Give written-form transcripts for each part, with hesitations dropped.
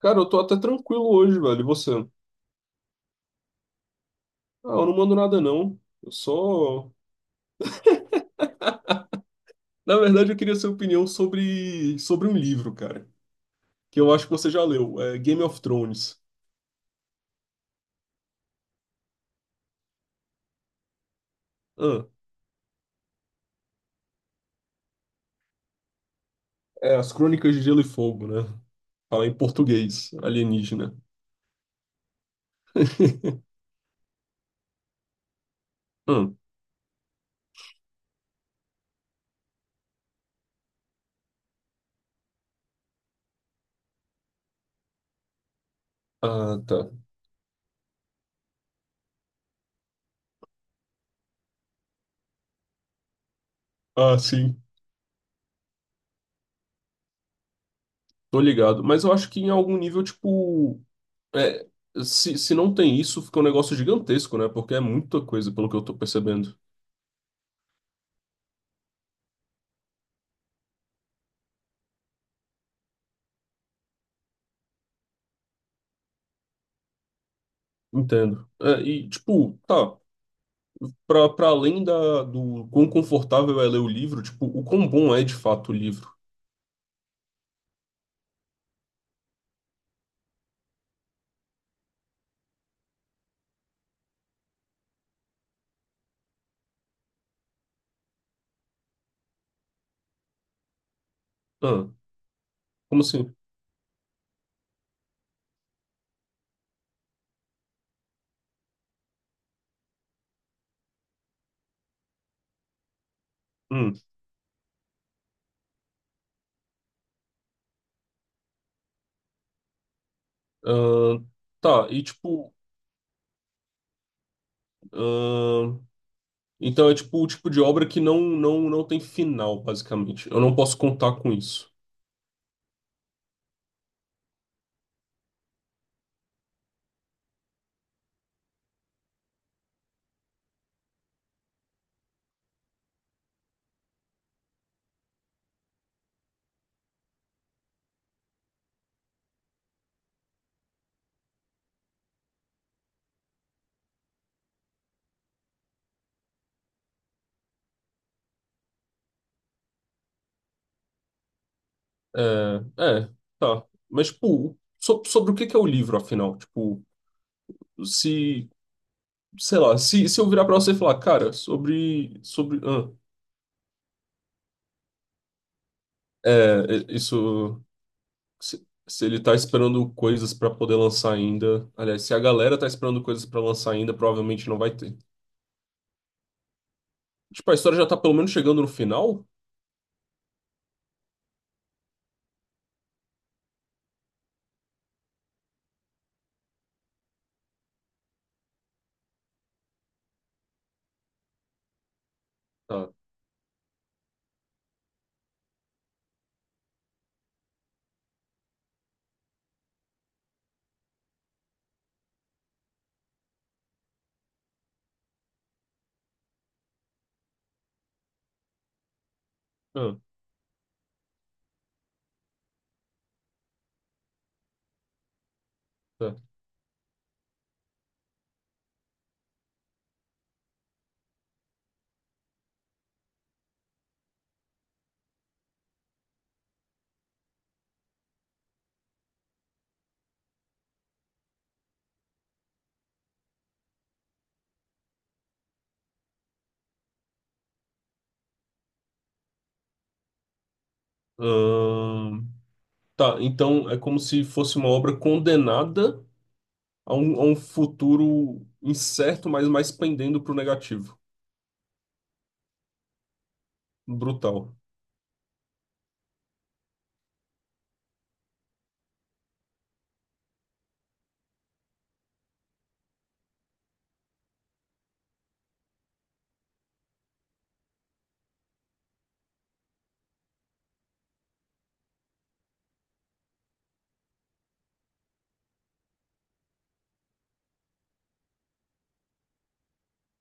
Cara, eu tô até tranquilo hoje, velho. E você? Eu não mando nada, não. Eu só. Na verdade, eu queria sua opinião sobre um livro, cara. Que eu acho que você já leu. É Game of Thrones. Ah, é As Crônicas de Gelo e Fogo, né? Fala em português, alienígena. Hum. Ah, tá. Ah, sim. Tô ligado. Mas eu acho que em algum nível, tipo. É, se não tem isso, fica um negócio gigantesco, né? Porque é muita coisa, pelo que eu tô percebendo. Entendo. É, e, tipo, tá. Pra além da, do quão confortável é ler o livro, tipo, o quão bom é de fato o livro. Ah, como assim? Hum. Ah, tá, e tipo. Ah, então é tipo o tipo de obra que não, não, não tem final, basicamente. Eu não posso contar com isso. É, é, tá. Mas, tipo, sobre o que que é o livro, afinal? Tipo, se. Sei lá, se eu virar pra você e falar, cara, sobre. Sobre. Ah, é, é, isso. Se ele tá esperando coisas pra poder lançar ainda. Aliás, se a galera tá esperando coisas pra lançar ainda, provavelmente não vai ter. Tipo, a história já tá pelo menos chegando no final? Tá. Ah, tá. Ahn, tá, então é como se fosse uma obra condenada a um futuro incerto, mas mais pendendo pro negativo. Brutal.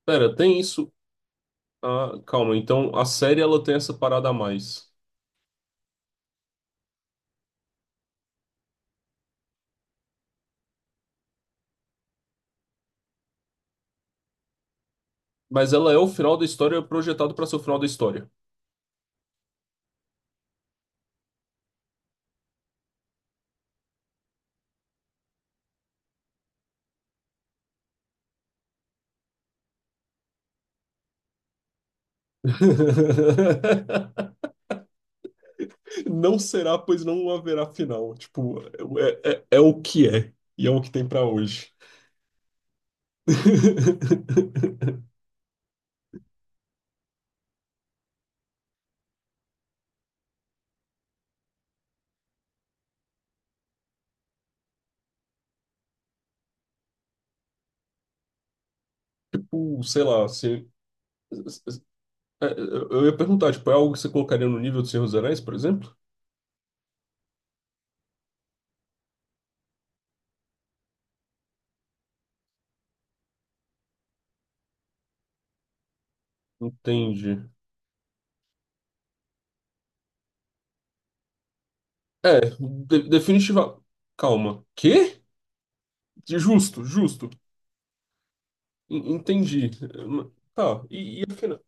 Pera, tem isso. Ah, calma. Então a série ela tem essa parada a mais. Mas ela é o final da história projetado para ser o final da história. Não será, pois não haverá final. Tipo, é, é, é o que é. E é o que tem pra hoje. Tipo, sei lá, se, é, eu ia perguntar, tipo, é algo que você colocaria no nível de Senhor dos Anéis, por exemplo? Entendi. É, de, definitiva. Calma. Quê? Justo, justo. En- Entendi. É, tá, e afinal.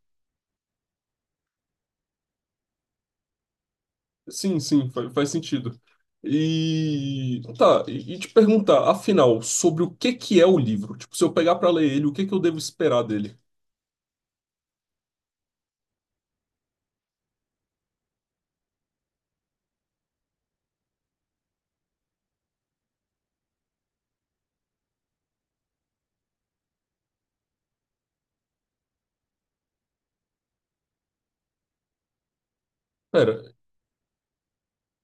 Sim, sim, fa- faz sentido. E. Tá, e te perguntar, afinal, sobre o que que é o livro? Tipo, se eu pegar pra ler ele, o que que eu devo esperar dele? Pera,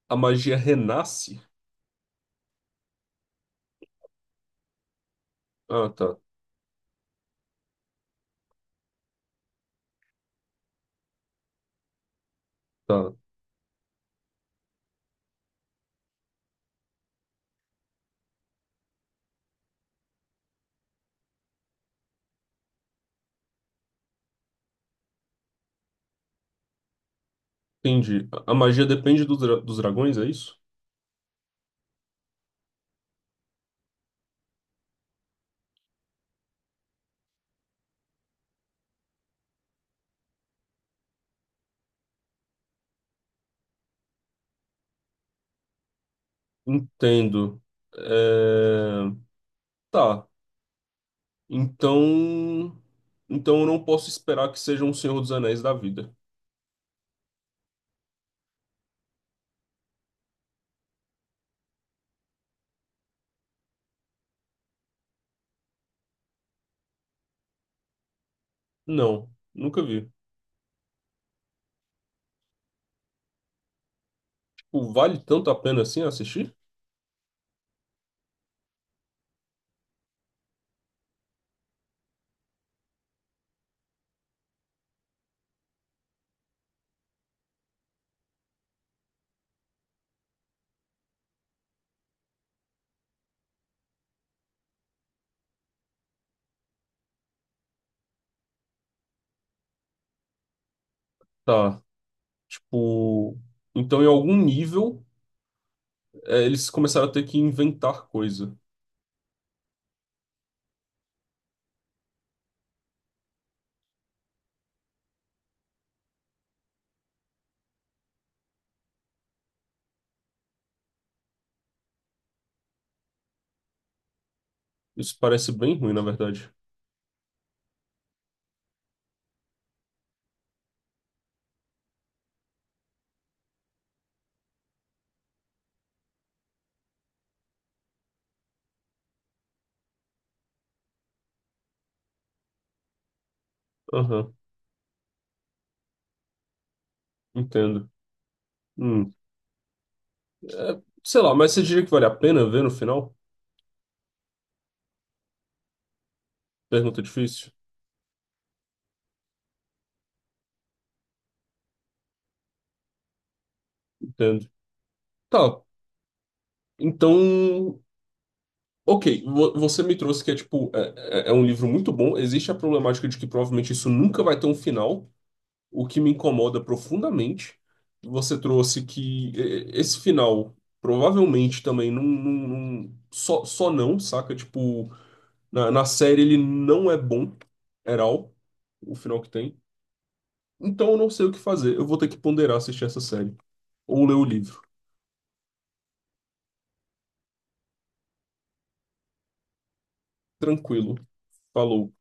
a magia renasce? Ah, tá, tá. Entendi. A magia depende dos dos dragões, é isso? Entendo. É, tá. Então. Então eu não posso esperar que seja um Senhor dos Anéis da vida. Não, nunca vi. Tipo, vale tanto a pena assim assistir? Tá. Tipo. Então, em algum nível, é, eles começaram a ter que inventar coisa. Isso parece bem ruim, na verdade. Aham, entendo. Hum. É, sei lá, mas você diria que vale a pena ver no final? Pergunta difícil. Entendo. Tá. Então. Ok, você me trouxe que é tipo, é, é- é um livro muito bom. Existe a problemática de que provavelmente isso nunca vai ter um final, o que me incomoda profundamente. Você trouxe que é, esse final provavelmente também não, não- não- só, só não, saca? Tipo, na, na série ele não é bom, era all, o final que tem. Então eu não sei o que fazer. Eu vou ter que ponderar assistir essa série. Ou ler o livro. Tranquilo. Falou.